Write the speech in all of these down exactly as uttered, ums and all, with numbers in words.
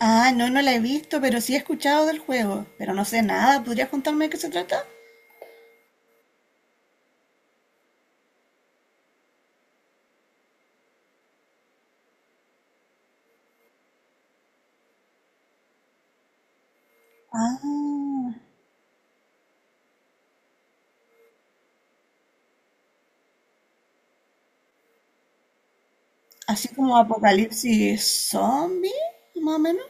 Ah, no, no la he visto, pero sí he escuchado del juego. Pero no sé nada. ¿Podrías contarme de qué se trata? Ah, así como apocalipsis zombie, más o menos.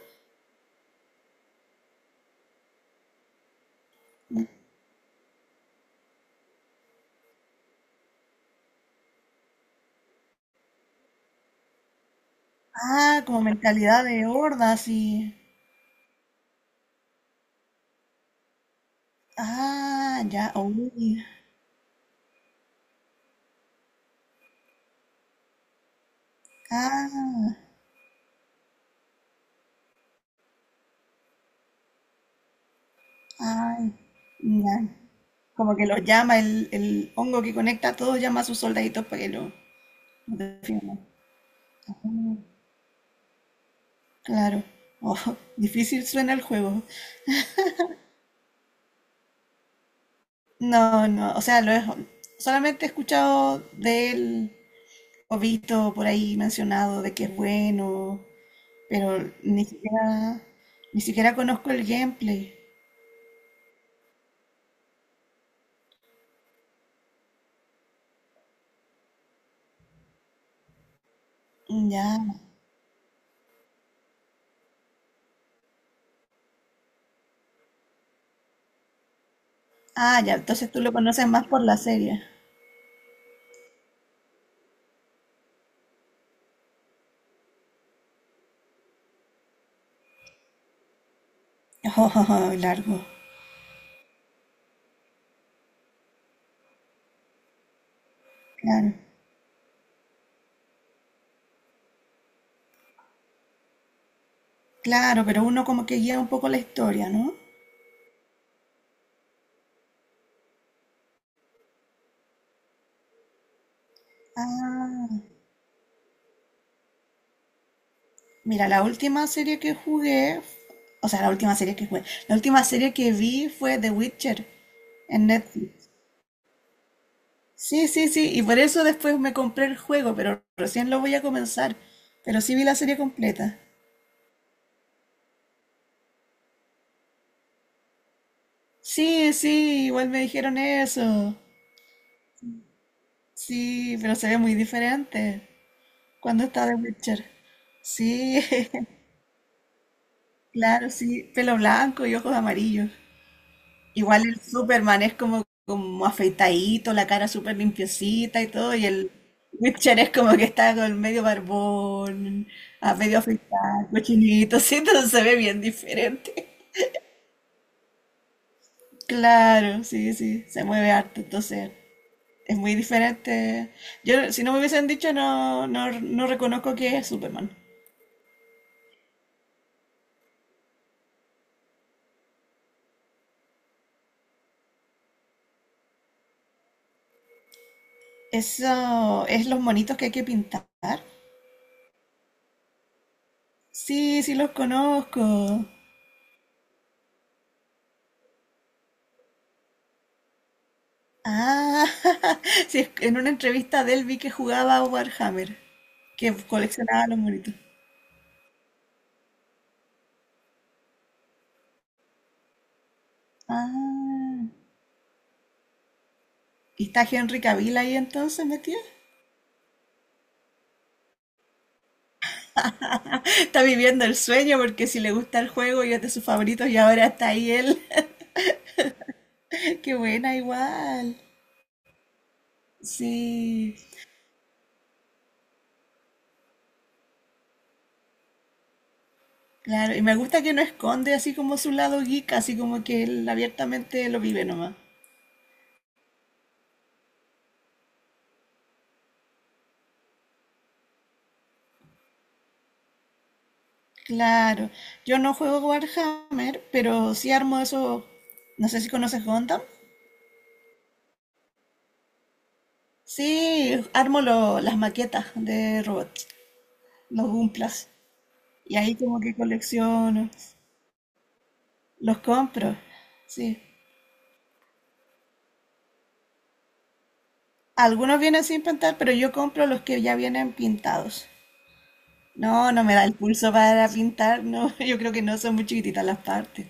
Ah, como mentalidad de hordas y... Ah, ya, uy. Ah, ay, ya. Como que los llama el, el hongo que conecta a todos, llama a sus soldaditos para que lo lo defiendan. Mm, claro. Oh, difícil suena el juego. No, no, o sea, lo he- solamente he escuchado de él o visto por ahí mencionado de que es bueno, pero ni siquiera, ni siquiera conozco el gameplay. Ya. Ah, ya, entonces tú lo conoces más por la serie. Oh, largo. Claro. Claro, pero uno como que guía un poco la historia, ¿no? Ah, mira, la última serie que jugué, o sea, la última serie que jugué, la última serie que vi fue The Witcher en Netflix. Sí, sí, sí, y por eso después me compré el juego, pero recién lo voy a comenzar. Pero sí vi la serie completa. Sí, sí, igual me dijeron eso. Sí, pero se ve muy diferente cuando está The Witcher. Sí, claro, sí, pelo blanco y ojos amarillos. Igual el Superman es como, como afeitadito, la cara súper limpiecita y todo, y el Witcher es como que está con medio barbón, a medio afeitado, cochinito, sí, entonces se ve bien diferente. Claro, sí, sí, se mueve harto, entonces es muy diferente. Yo, si no me hubiesen dicho, no, no, no reconozco que es Superman. Eso es los monitos que hay que pintar. Sí, sí los conozco. Ah, sí, es en una entrevista de él vi que jugaba a Warhammer, que coleccionaba los monitos. Ah, ¿y está Henry Cavill ahí entonces metido? Está viviendo el sueño porque si le gusta el juego y es de sus favoritos y ahora está ahí él. Qué buena igual. Sí. Claro, y me gusta que no esconde así como su lado geek, así como que él abiertamente lo vive nomás. Claro, yo no juego Warhammer, pero sí armo eso, no sé si conoces Gundam. Sí, armo lo- las maquetas de robots, los Gunplas. Y ahí como que colecciono, los compro. Sí. Algunos vienen sin pintar, pero yo compro los que ya vienen pintados. No, no me da el pulso para pintar, no, yo creo que no, son muy chiquititas las partes.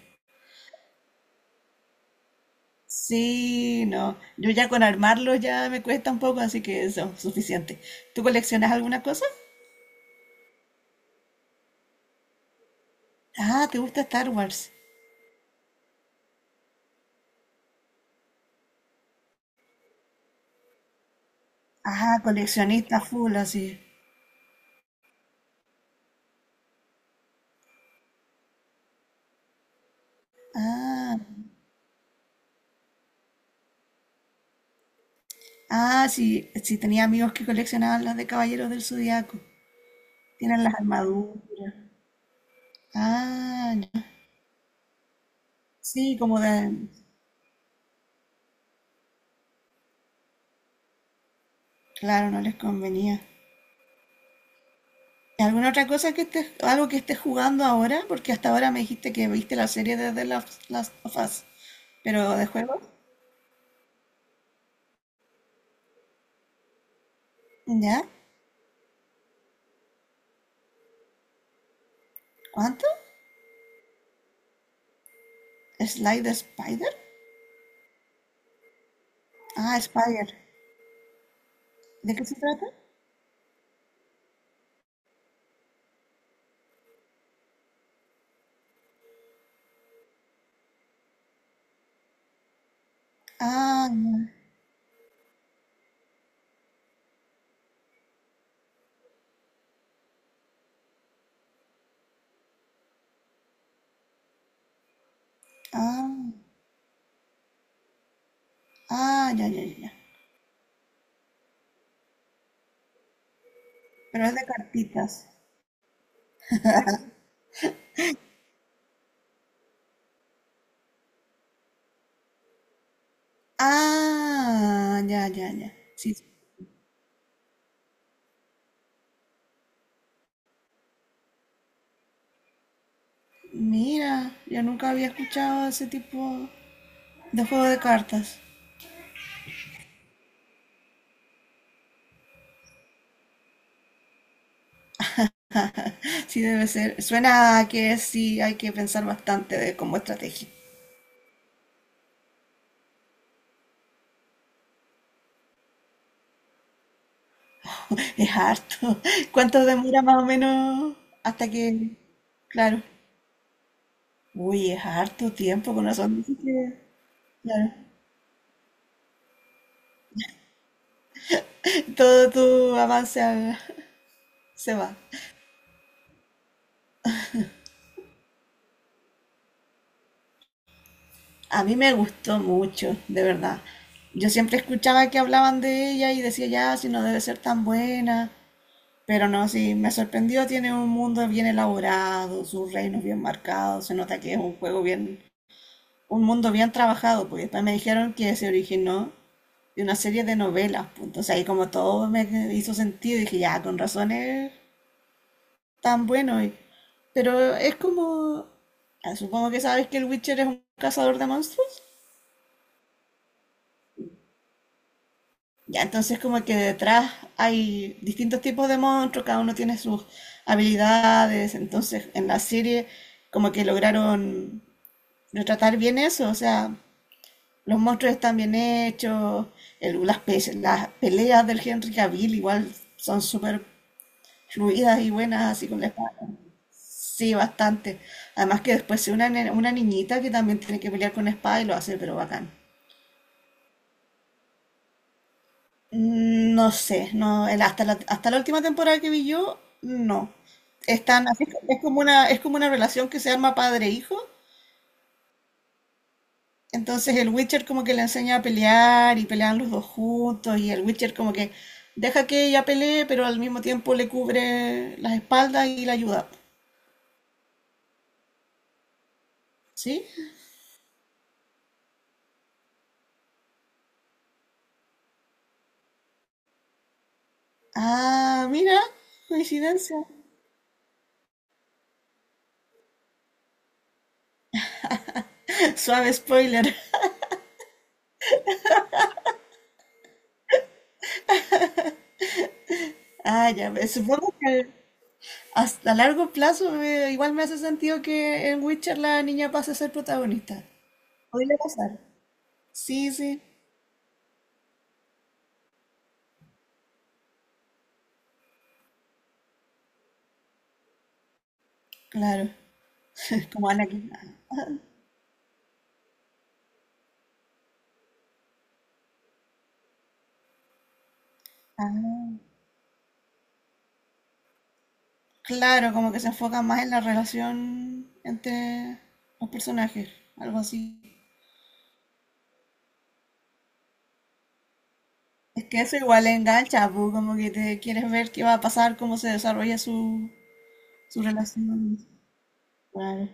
Sí, no, yo ya con armarlo ya me cuesta un poco, así que eso, suficiente. ¿Tú coleccionas alguna cosa? Ah, ¿te gusta Star Wars? Ah, coleccionista full, así. Ah, ah, sí, sí, tenía amigos que coleccionaban las de Caballeros del Zodiaco. Tienen las armaduras. Ah, ya. Sí, como de... Claro, no les convenía. ¿Alguna otra cosa que estés, algo que estés jugando ahora? Porque hasta ahora me dijiste que viste la serie de The Last Last of Us. Pero de juego, ¿ya? ¿Cuánto? ¿Slide the Spider? Ah, Spider. ¿De qué se trata? Ah, ya. Ah, ah, ya, ya, ya, ya. Pero es de cartitas. Ah, ya, ya, ya. Sí. Mira, yo nunca había escuchado ese tipo de juego de cartas. Sí, debe ser. Suena a que sí hay que pensar bastante de, como estrategia. Es harto. ¿Cuánto demora más o menos hasta que... Claro. Uy, es harto tiempo, con razón. Dices que- claro. Todo tu avance a- se va. A mí me gustó mucho, de verdad. Yo siempre escuchaba que hablaban de ella y decía, ya, si no debe ser tan buena. Pero no, sí, me sorprendió. Tiene un mundo bien elaborado, sus reinos bien marcados. Se nota que es un juego bien un mundo bien trabajado, porque después me dijeron que se originó de una serie de novelas, pues, entonces ahí como todo me hizo sentido, dije, ya, con razones tan bueno, y- pero es como, ah, supongo que sabes que el Witcher es un cazador de monstruos, ya, entonces como que detrás hay distintos tipos de monstruos, cada uno tiene sus habilidades, entonces en la serie como que lograron retratar bien eso, o sea, los monstruos están bien hechos, el- las, pe- las peleas del Henry Cavill igual son súper fluidas y buenas, así con la espada. Sí, bastante. Además que después se una, ne- una niñita que también tiene que pelear con espada y lo hace, pero bacán. Mm, no sé, no, el- hasta la, hasta la última temporada que vi yo, no. Están así, es como una, es como una relación que se arma padre-hijo. Entonces el Witcher como que le enseña a pelear y pelean los dos juntos y el Witcher como que deja que ella pelee, pero al mismo tiempo le cubre las espaldas y la ayuda. ¿Sí? Ah, mira, coincidencia. Suave spoiler. Ah, ya, me- supongo que hasta a largo plazo eh, igual me hace sentido que en Witcher la niña pase a ser protagonista. Podría pasar. Sí, sí, claro. Como Anakin. Ah. Ah. Claro, como que se enfoca más en la relación entre los personajes, algo así. Es que eso igual engancha, pu, como que te quieres ver qué va a pasar, cómo se desarrolla su, su relación. Claro,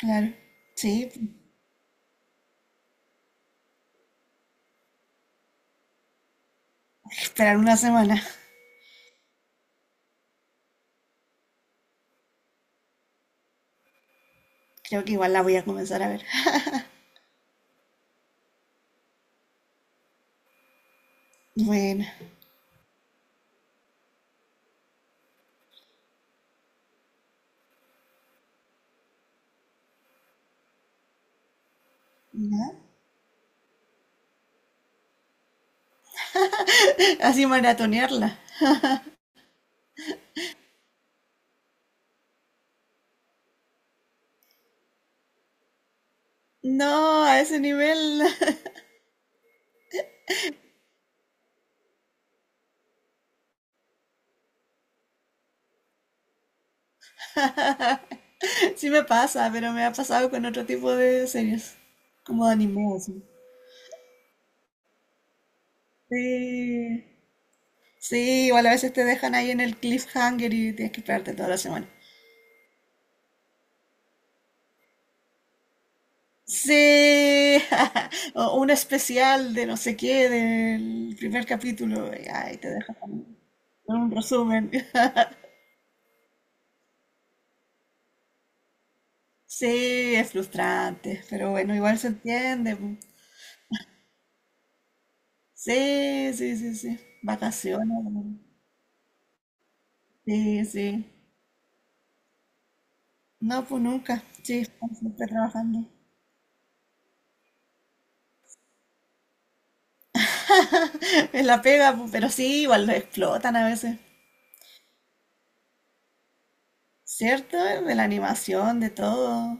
claro. Sí, esperar una semana. Creo que igual la voy a comenzar a ver. Bueno, ya. Así maratonearla. No, a ese nivel sí me pasa, pero me ha pasado con otro tipo de series, como de anime, así. Sí. Sí, igual a veces te dejan ahí en el cliffhanger y tienes que esperarte toda la semana. Sí, o un especial de no sé qué del primer capítulo, y ahí te dejan un resumen. Sí, es frustrante, pero bueno, igual se entiende. Pu. Sí, sí, sí, sí. Vacaciones. Pu. Sí, sí. No, pues nunca. Sí, están siempre trabajando. Es la pega, pu, pero sí, igual lo explotan a veces. ¿Cierto? De la animación, de todo.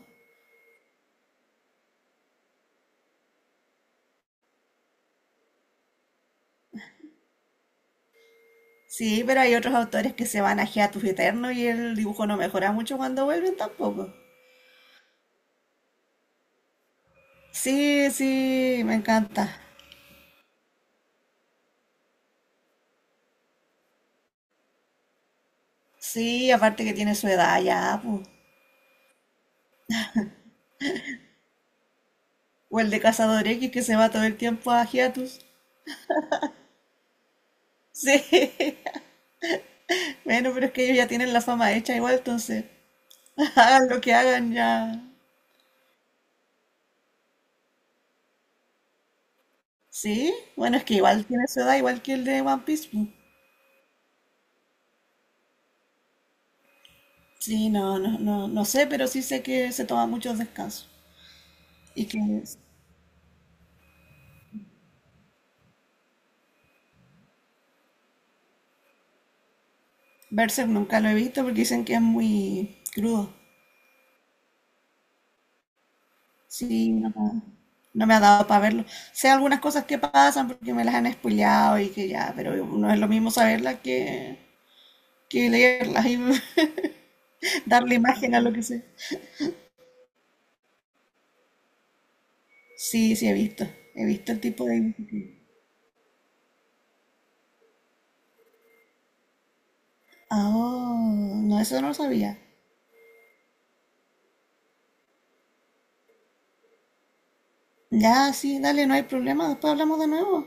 Sí, pero hay otros autores que se van a hiatus eterno y el dibujo no mejora mucho cuando vuelven tampoco. Sí, sí, me encanta. Sí, aparte que tiene su edad ya, pues. O el de Cazador X que se va todo el tiempo a hiatus. Sí, bueno, pero es que ellos ya tienen la fama hecha igual, entonces hagan lo que hagan ya. Sí, bueno, es que igual tiene su edad, igual que el de One Piece. Pues. Sí, no, no, no, no sé, pero sí sé que se toma muchos descansos. Y que Berserk nunca lo he visto porque dicen que es muy crudo. Sí, no, no me ha dado para verlo. Sé algunas cosas que pasan porque me las han spoileado y que ya, pero no es lo mismo saberlas que, que leerlas y darle imagen a lo que sé. Sí, sí, he visto. He visto el tipo de... Ah, oh, no, eso no lo sabía. Ya, sí, dale, no hay problema. Después hablamos de nuevo.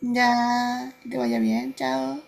Ya, que te vaya bien, chao.